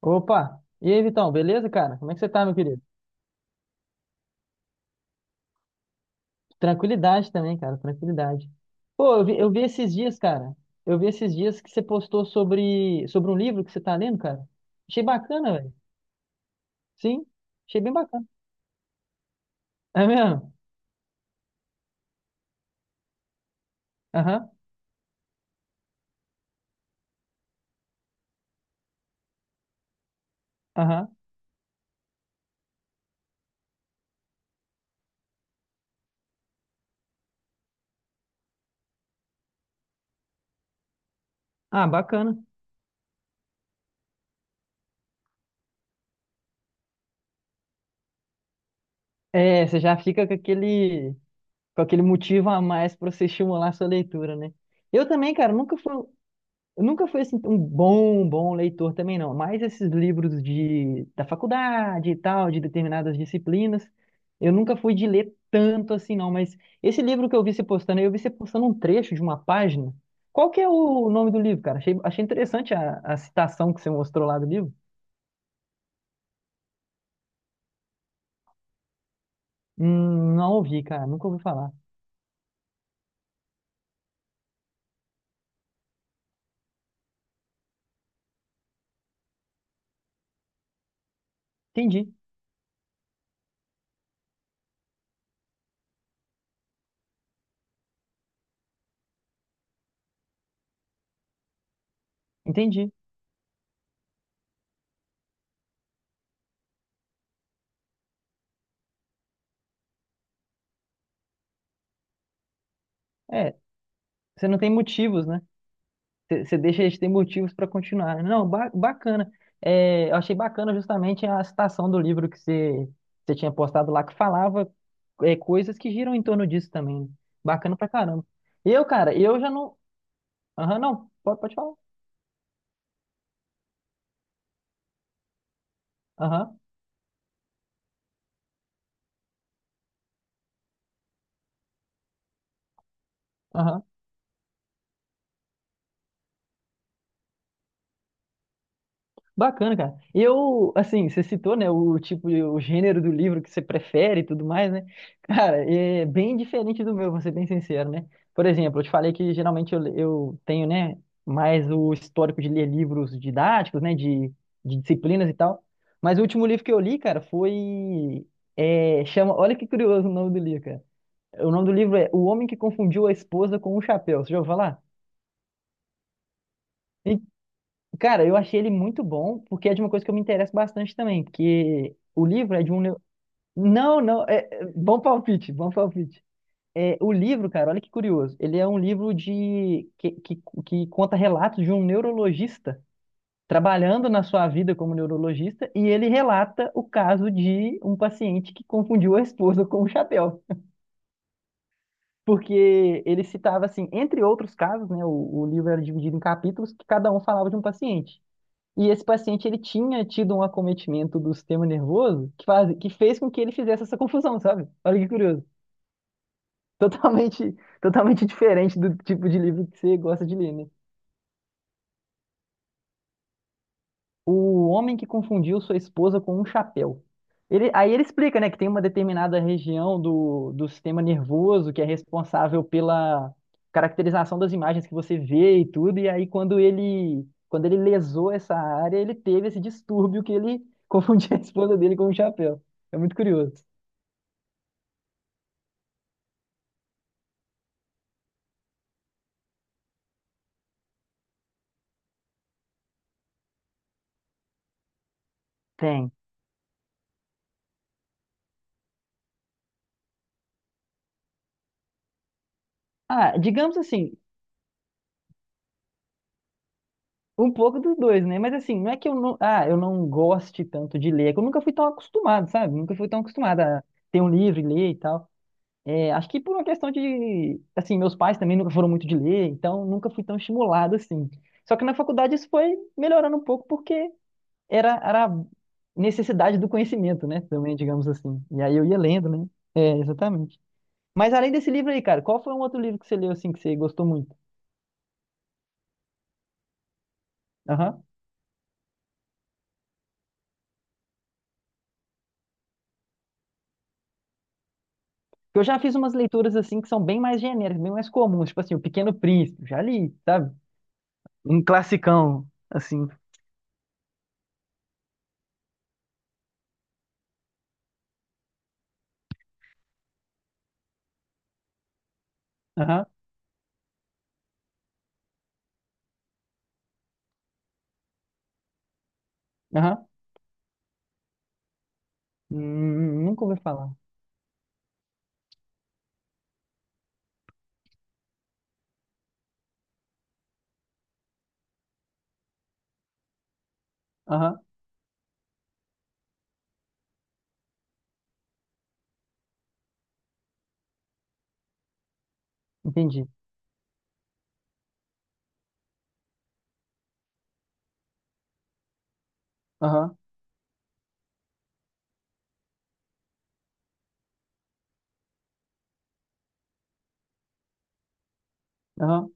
Opa! E aí, Vitão, beleza, cara? Como é que você tá, meu querido? Tranquilidade também, cara, tranquilidade. Pô, eu vi esses dias, cara. Eu vi esses dias que você postou sobre um livro que você tá lendo, cara. Achei bacana, velho. Sim, achei bem bacana. É mesmo? Aham, aham. Ah, bacana. É, você já fica com com aquele motivo a mais pra você estimular a sua leitura, né? Eu também, cara, nunca fui. Eu nunca fui assim um bom leitor também não, mas esses livros de da faculdade e tal, de determinadas disciplinas, eu nunca fui de ler tanto assim não, mas esse livro que eu vi você postando, aí, eu vi você postando um trecho de uma página. Qual que é o nome do livro, cara? Achei interessante a citação que você mostrou lá do livro. Não ouvi, cara, nunca ouvi falar. Entendi, entendi. É, você não tem motivos, né? Você deixa eles ter motivos para continuar. Não, bacana. É, eu achei bacana justamente a citação do livro que você tinha postado lá, que falava coisas que giram em torno disso também. Né? Bacana pra caramba. Eu, cara, eu já não. Aham, não. Pode falar. Aham, aham. Bacana, cara. Eu, assim, você citou, né, o tipo, o gênero do livro que você prefere e tudo mais, né? Cara, é bem diferente do meu, vou ser bem sincero, né? Por exemplo, eu te falei que geralmente eu tenho, né, mais o histórico de ler livros didáticos, né, de disciplinas e tal. Mas o último livro que eu li, cara, foi, chama, olha que curioso o nome do livro, cara. O nome do livro é O Homem que Confundiu a Esposa com o Chapéu. Você já ouviu falar? Cara, eu achei ele muito bom, porque é de uma coisa que eu me interesso bastante também, porque o livro é de um... Não, não, bom palpite, bom palpite. É, o livro, cara, olha que curioso, ele é um livro que conta relatos de um neurologista trabalhando na sua vida como neurologista, e ele relata o caso de um paciente que confundiu a esposa com o chapéu. Porque ele citava, assim, entre outros casos, né, o livro era dividido em capítulos, que cada um falava de um paciente. E esse paciente ele tinha tido um acometimento do sistema nervoso que fez com que ele fizesse essa confusão, sabe? Olha que curioso. Totalmente, totalmente diferente do tipo de livro que você gosta de ler, né? O homem que confundiu sua esposa com um chapéu. Ele, aí ele explica, né, que tem uma determinada região do sistema nervoso que é responsável pela caracterização das imagens que você vê e tudo. E aí quando ele lesou essa área, ele teve esse distúrbio que ele confundia a esposa dele com um chapéu. É muito curioso. Tem. Ah, digamos assim, um pouco dos dois, né? Mas assim, não é que eu não, ah, eu não goste tanto de ler, é que eu nunca fui tão acostumado, sabe? Nunca fui tão acostumado a ter um livro e ler e tal. É, acho que por uma questão de, assim, meus pais também nunca foram muito de ler, então nunca fui tão estimulado assim. Só que na faculdade isso foi melhorando um pouco porque era a necessidade do conhecimento, né? Também, digamos assim. E aí eu ia lendo, né? É, exatamente. Mas além desse livro aí, cara, qual foi um outro livro que você leu assim que você gostou muito? Aham. Porque eu já fiz umas leituras assim que são bem mais genéricas, bem mais comuns, tipo assim, O Pequeno Príncipe, já li, sabe? Um classicão, assim. Aham, aham. Nunca ouvi falar. Aham, entendi. Aham, aham,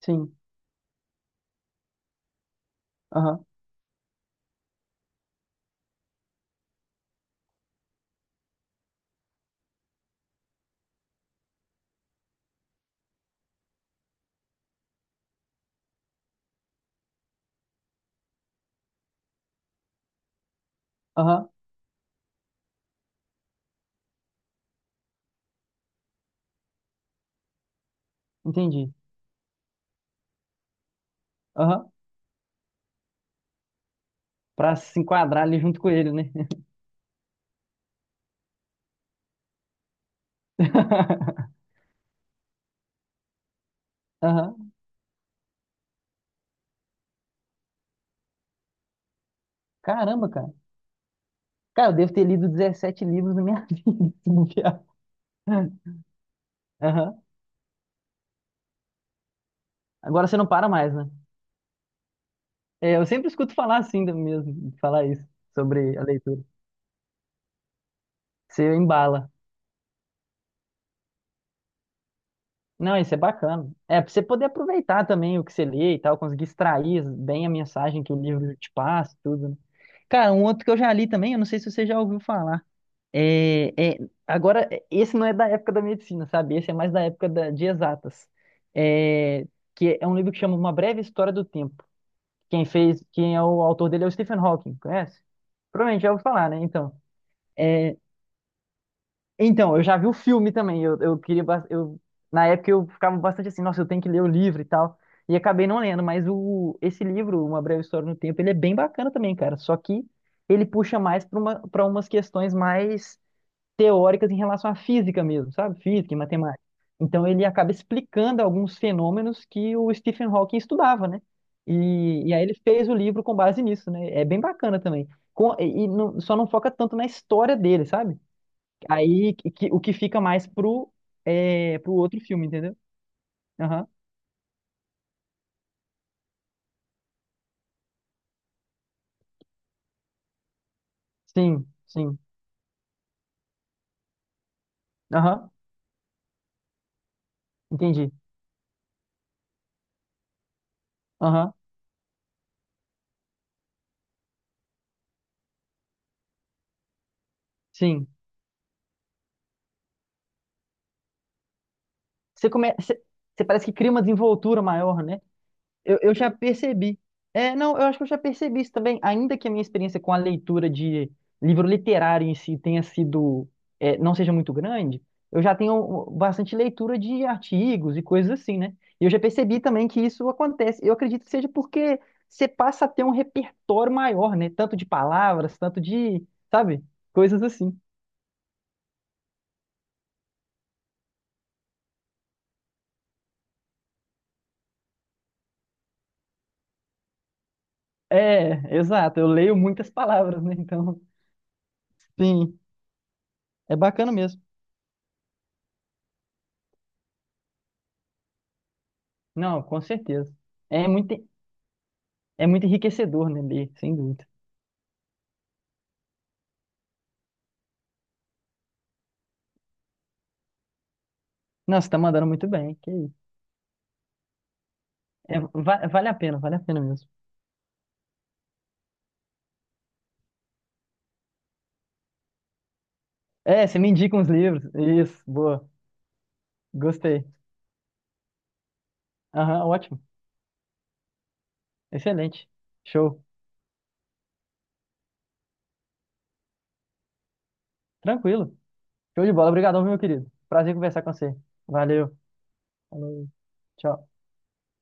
sim, aham, aham, entendi. Aham, pra se enquadrar ali junto com ele, né? Aham, caramba, cara. Cara, eu devo ter lido 17 livros na minha vida. Se bobear. Aham, agora você não para mais, né? É, eu sempre escuto falar assim do mesmo, falar isso, sobre a leitura. Você embala. Não, isso é bacana. É, pra você poder aproveitar também o que você lê e tal, conseguir extrair bem a mensagem que o livro te passa, e tudo, né? Cara, um outro que eu já li também, eu não sei se você já ouviu falar. É, agora, é, esse não é da época da medicina, sabe? Esse é mais da época de exatas. É, que é um livro que chama Uma Breve História do Tempo. Quem fez, quem é o autor dele é o Stephen Hawking, conhece? Provavelmente já ouviu falar, né? Então, é, então eu já vi o filme também. Eu, na época eu ficava bastante assim, nossa, eu tenho que ler o livro e tal. E acabei não lendo, mas o, esse livro, Uma Breve História do Tempo, ele é bem bacana também, cara. Só que ele puxa mais para para umas questões mais teóricas em relação à física mesmo, sabe? Física e matemática. Então ele acaba explicando alguns fenômenos que o Stephen Hawking estudava, né? E aí ele fez o livro com base nisso, né? É bem bacana também. Só não foca tanto na história dele, sabe? O que fica mais pro, é, pro outro filme, entendeu? Aham. Sim, sim. Aham. Entendi. Aham. Sim. Você parece que cria uma desenvoltura maior, né? Eu já percebi. É, não, eu acho que eu já percebi isso também. Ainda que a minha experiência com a leitura de livro literário em si tenha sido, é, não seja muito grande, eu já tenho bastante leitura de artigos e coisas assim, né? E eu já percebi também que isso acontece. Eu acredito que seja porque você passa a ter um repertório maior, né? Tanto de palavras, tanto de, sabe? Coisas assim. É, exato. Eu leio muitas palavras, né? Então, sim, é bacana mesmo. Não, com certeza. É muito. É muito enriquecedor, né, ler, sem dúvida. Nossa, tá mandando muito bem. Que isso. É, vale a pena mesmo. É, você me indica uns livros. Isso, boa. Gostei. Aham, ótimo. Excelente. Show. Tranquilo. Show de bola. Obrigadão, meu querido. Prazer em conversar com você. Valeu. Falou. Tchau.